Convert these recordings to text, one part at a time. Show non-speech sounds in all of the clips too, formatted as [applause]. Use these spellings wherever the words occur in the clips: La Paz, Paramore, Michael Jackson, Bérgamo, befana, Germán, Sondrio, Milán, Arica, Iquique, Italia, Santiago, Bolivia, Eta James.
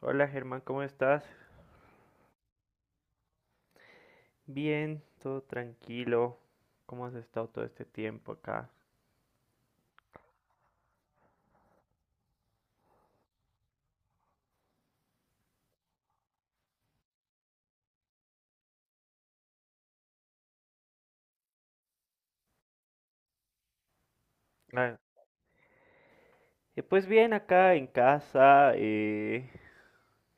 Hola Germán, ¿cómo estás? Bien, todo tranquilo. ¿Cómo has estado todo este tiempo acá? Ah, pues bien, acá en casa.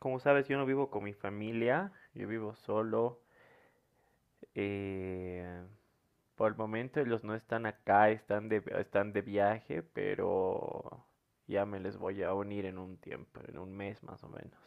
Como sabes, yo no vivo con mi familia, yo vivo solo. eh, por el momento ellos no están acá, están de viaje, pero ya me les voy a unir en un tiempo, en un mes más o menos.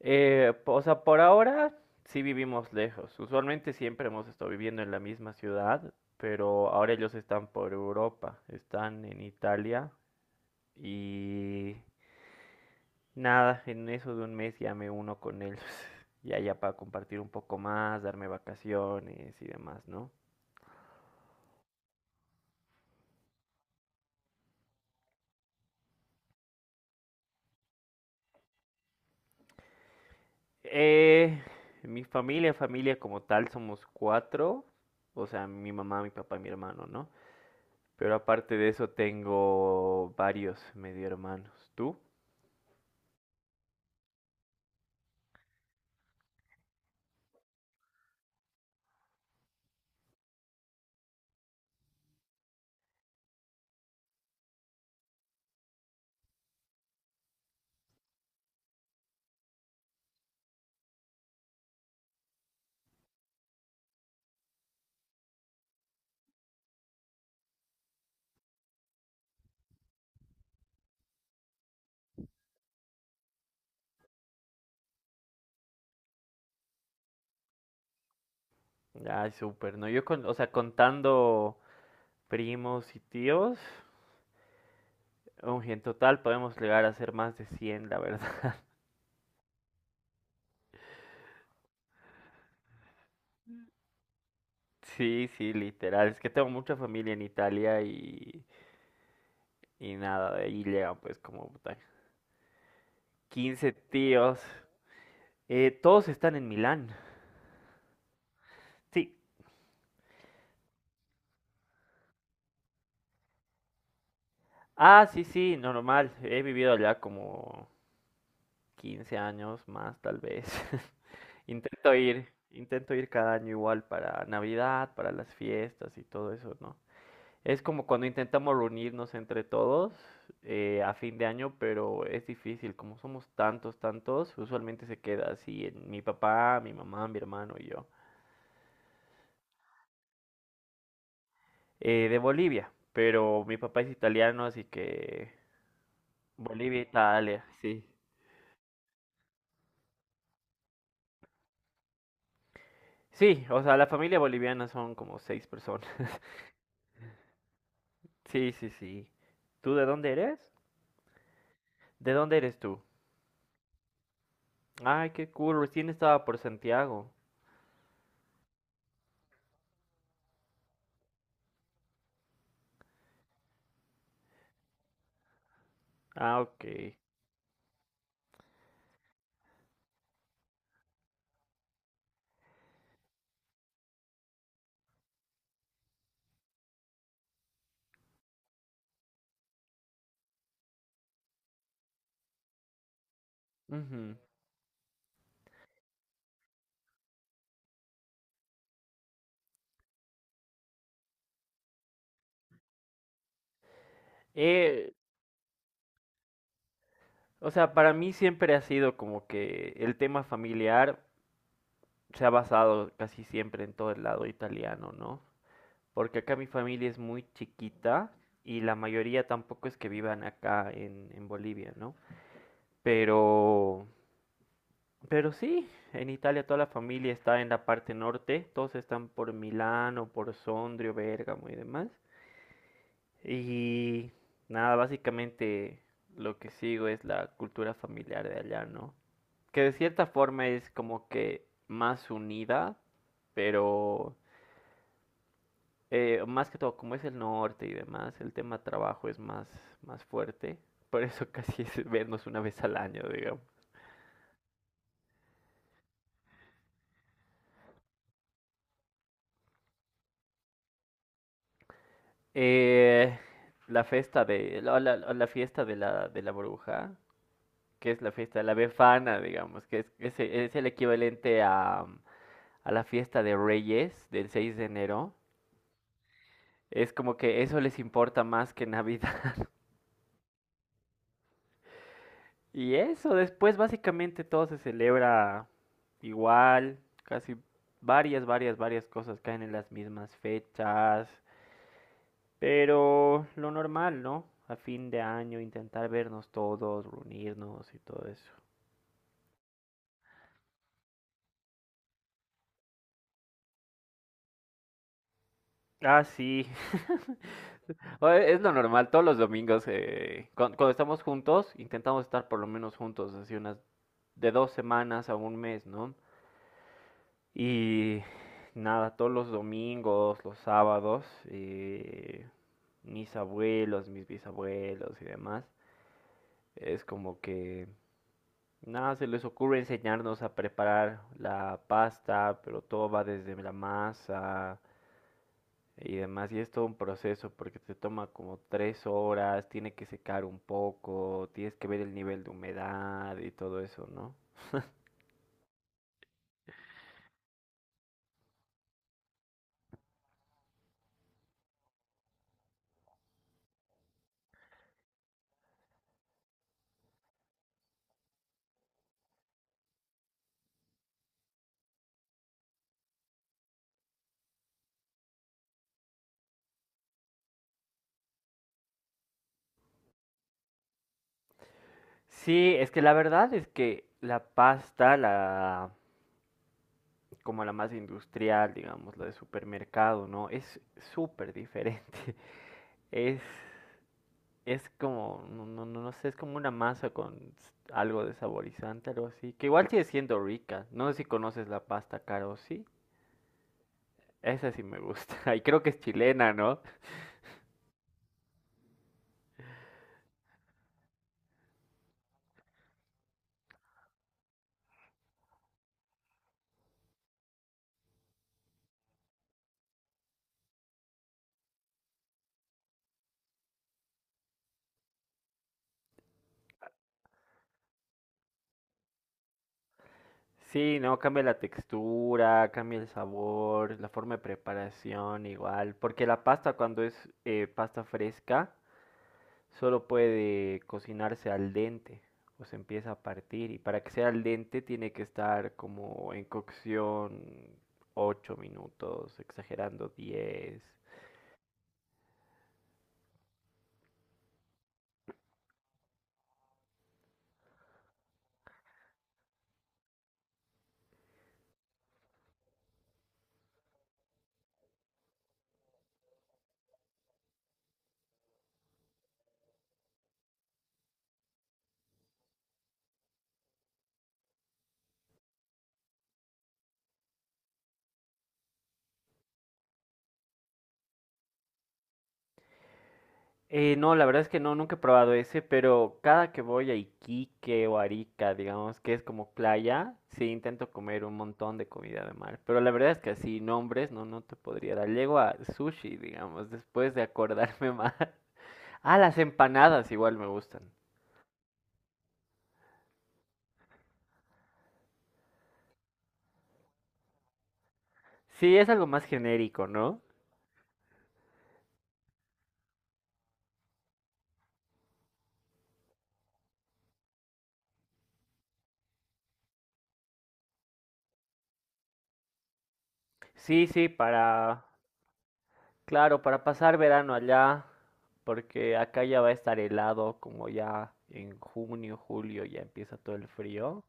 O sea, por ahora sí vivimos lejos. Usualmente siempre hemos estado viviendo en la misma ciudad, pero ahora ellos están por Europa, están en Italia y nada, en eso de un mes ya me uno con ellos. [laughs] Ya, ya, para compartir un poco más, darme vacaciones y demás, ¿no? Eh, Mi familia, familia como tal, somos 4. O sea, mi mamá, mi papá y mi hermano, ¿no? Pero aparte de eso tengo varios medio hermanos. ¿Tú? Ay, súper, ¿no? O sea, contando primos y tíos, uy, en total podemos llegar a ser más de 100 la verdad. [laughs] Sí, sí, literal. Es que tengo mucha familia en Italia y nada, de ahí llegan pues como puta, 15 tíos. Todos están en Milán. Sí. Ah, sí, sí, normal. He vivido allá como 15 años más, tal vez. [laughs] Intento ir cada año igual para Navidad, para las fiestas y todo eso, ¿no? Es como cuando intentamos reunirnos entre todos a fin de año, pero es difícil, como somos tantos, tantos, usualmente se queda así en mi papá, mi mamá, mi hermano y yo. De Bolivia, pero mi papá es italiano, así que Bolivia, Italia, sí. Sí, o sea, la familia boliviana son como 6 personas. [laughs] Sí, sí, sí. ¿Tú de dónde eres? ¿De dónde eres tú? Ay, qué cool, recién estaba por Santiago. Ah, ok. Ujú. Eh, O sea, para mí siempre ha sido como que el tema familiar se ha basado casi siempre en todo el lado italiano, ¿no? Porque acá mi familia es muy chiquita y la mayoría tampoco es que vivan en Bolivia, ¿no? Pero, pero sí, en Italia toda la familia está en la parte norte, todos están por Milano, por Sondrio, Bérgamo y demás. Y nada, básicamente lo que sigo es la cultura familiar de allá, ¿no? Que de cierta forma es como que más unida, pero más que todo, como es el norte y demás, el tema trabajo es más, más fuerte. Por eso [laughs] casi es vernos una vez al año, digamos. Eh, la fiesta de la bruja, que es la fiesta de la befana, digamos, que es, es el equivalente a la fiesta de Reyes del 6 de enero. Es como que eso les importa más que Navidad. Y eso, después básicamente todo se celebra igual, casi varias, varias, varias cosas caen en las mismas fechas, pero lo normal, ¿no? A fin de año intentar vernos todos, reunirnos y todo eso. Ah, sí. [laughs] O- Es lo normal, todos los domingos, cuando estamos juntos, intentamos estar por lo menos juntos, así unas de 2 semanas a 1 mes, ¿no? Y nada, todos los domingos, los sábados, mis abuelos, mis bisabuelos y demás, es como que nada, se les ocurre enseñarnos a preparar la pasta, pero todo va desde la masa y demás. Y es todo un proceso porque te toma como 3 horas, tiene que secar un poco, tienes que ver el nivel de humedad y todo eso, ¿no? Sí, es que la verdad es que la pasta, la como la más industrial, digamos, la de supermercado, ¿no? Es súper diferente. [laughs] Es, es como, no, no, no sé, es como una masa con algo de saborizante, algo así. Que igual sigue siendo rica. No sé si conoces la pasta caro, sí. Esa sí me gusta. [laughs] Y creo que es chilena, ¿no? Sí, no, cambia la textura, cambia el sabor, la forma de preparación igual, porque la pasta cuando es pasta fresca solo puede cocinarse al dente o se empieza a partir y para que sea al dente tiene que estar como en cocción 8 minutos, exagerando 10. No, la verdad es que no, nunca he probado ese, pero cada que voy a Iquique o Arica, digamos que es como playa, sí intento comer un montón de comida de mar. Pero la verdad es que así nombres no, no te podría dar. Llego a sushi, digamos, después de acordarme [laughs] más. Ah, las empanadas igual me gustan. Sí, es algo más genérico, ¿no? Sí, sí, para, claro, para pasar verano allá, porque acá ya va a estar helado, como ya en junio, julio ya empieza todo el frío.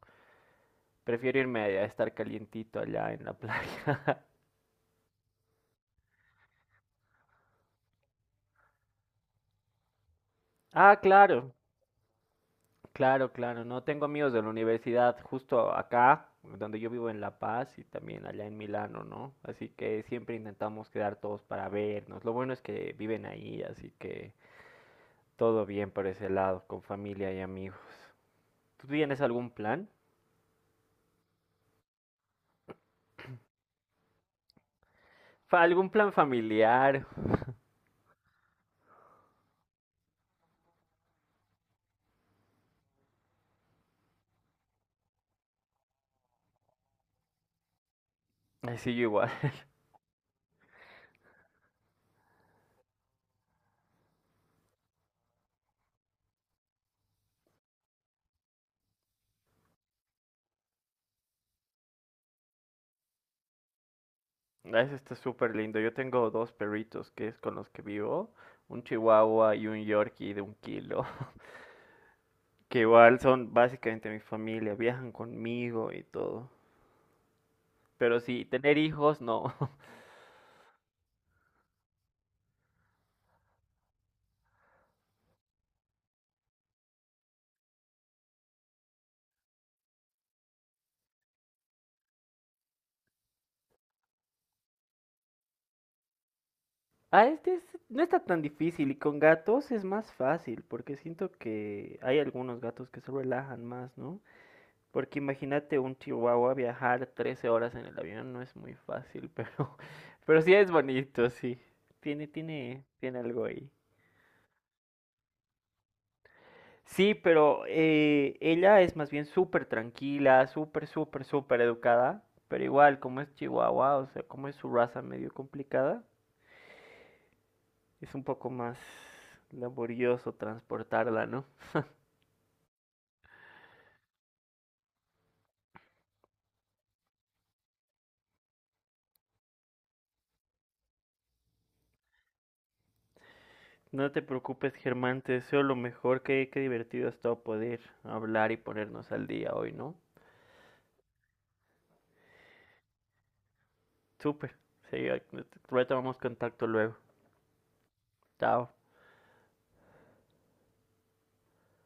Prefiero irme a estar calientito allá en la playa. [laughs] Ah, claro, claro, claro, no tengo amigos de la universidad justo acá, donde yo vivo en La Paz y también allá en Milano, ¿no? Así que siempre intentamos quedar todos para vernos. Lo bueno es que viven ahí, así que todo bien por ese lado, con familia y amigos. ¿Tú tienes algún plan? Fa- ¿Algún plan familiar? Así yo igual. [laughs] Ah, eso está súper lindo. Yo tengo dos perritos que es con los que vivo. Un chihuahua y un yorkie de 1 kilo. [laughs] Que igual son básicamente mi familia. Viajan conmigo y todo. Pero sí, tener hijos no. [laughs] Ah, no está tan difícil. Y con gatos es más fácil. Porque siento que hay algunos gatos que se relajan más, ¿no? Porque imagínate un chihuahua viajar 13 horas en el avión, no es muy fácil, pero, [laughs] pero sí es bonito, sí. Tiene algo ahí. Sí, pero ella es más bien súper tranquila, súper, súper, súper educada, pero igual, como es chihuahua, o sea, como es su raza medio complicada, es un poco más laborioso transportarla, ¿no? No te preocupes, Germán, te deseo lo mejor, que qué divertido ha estado poder hablar y ponernos al día hoy, ¿no? Súper. Sí, retomamos contacto luego. Chao.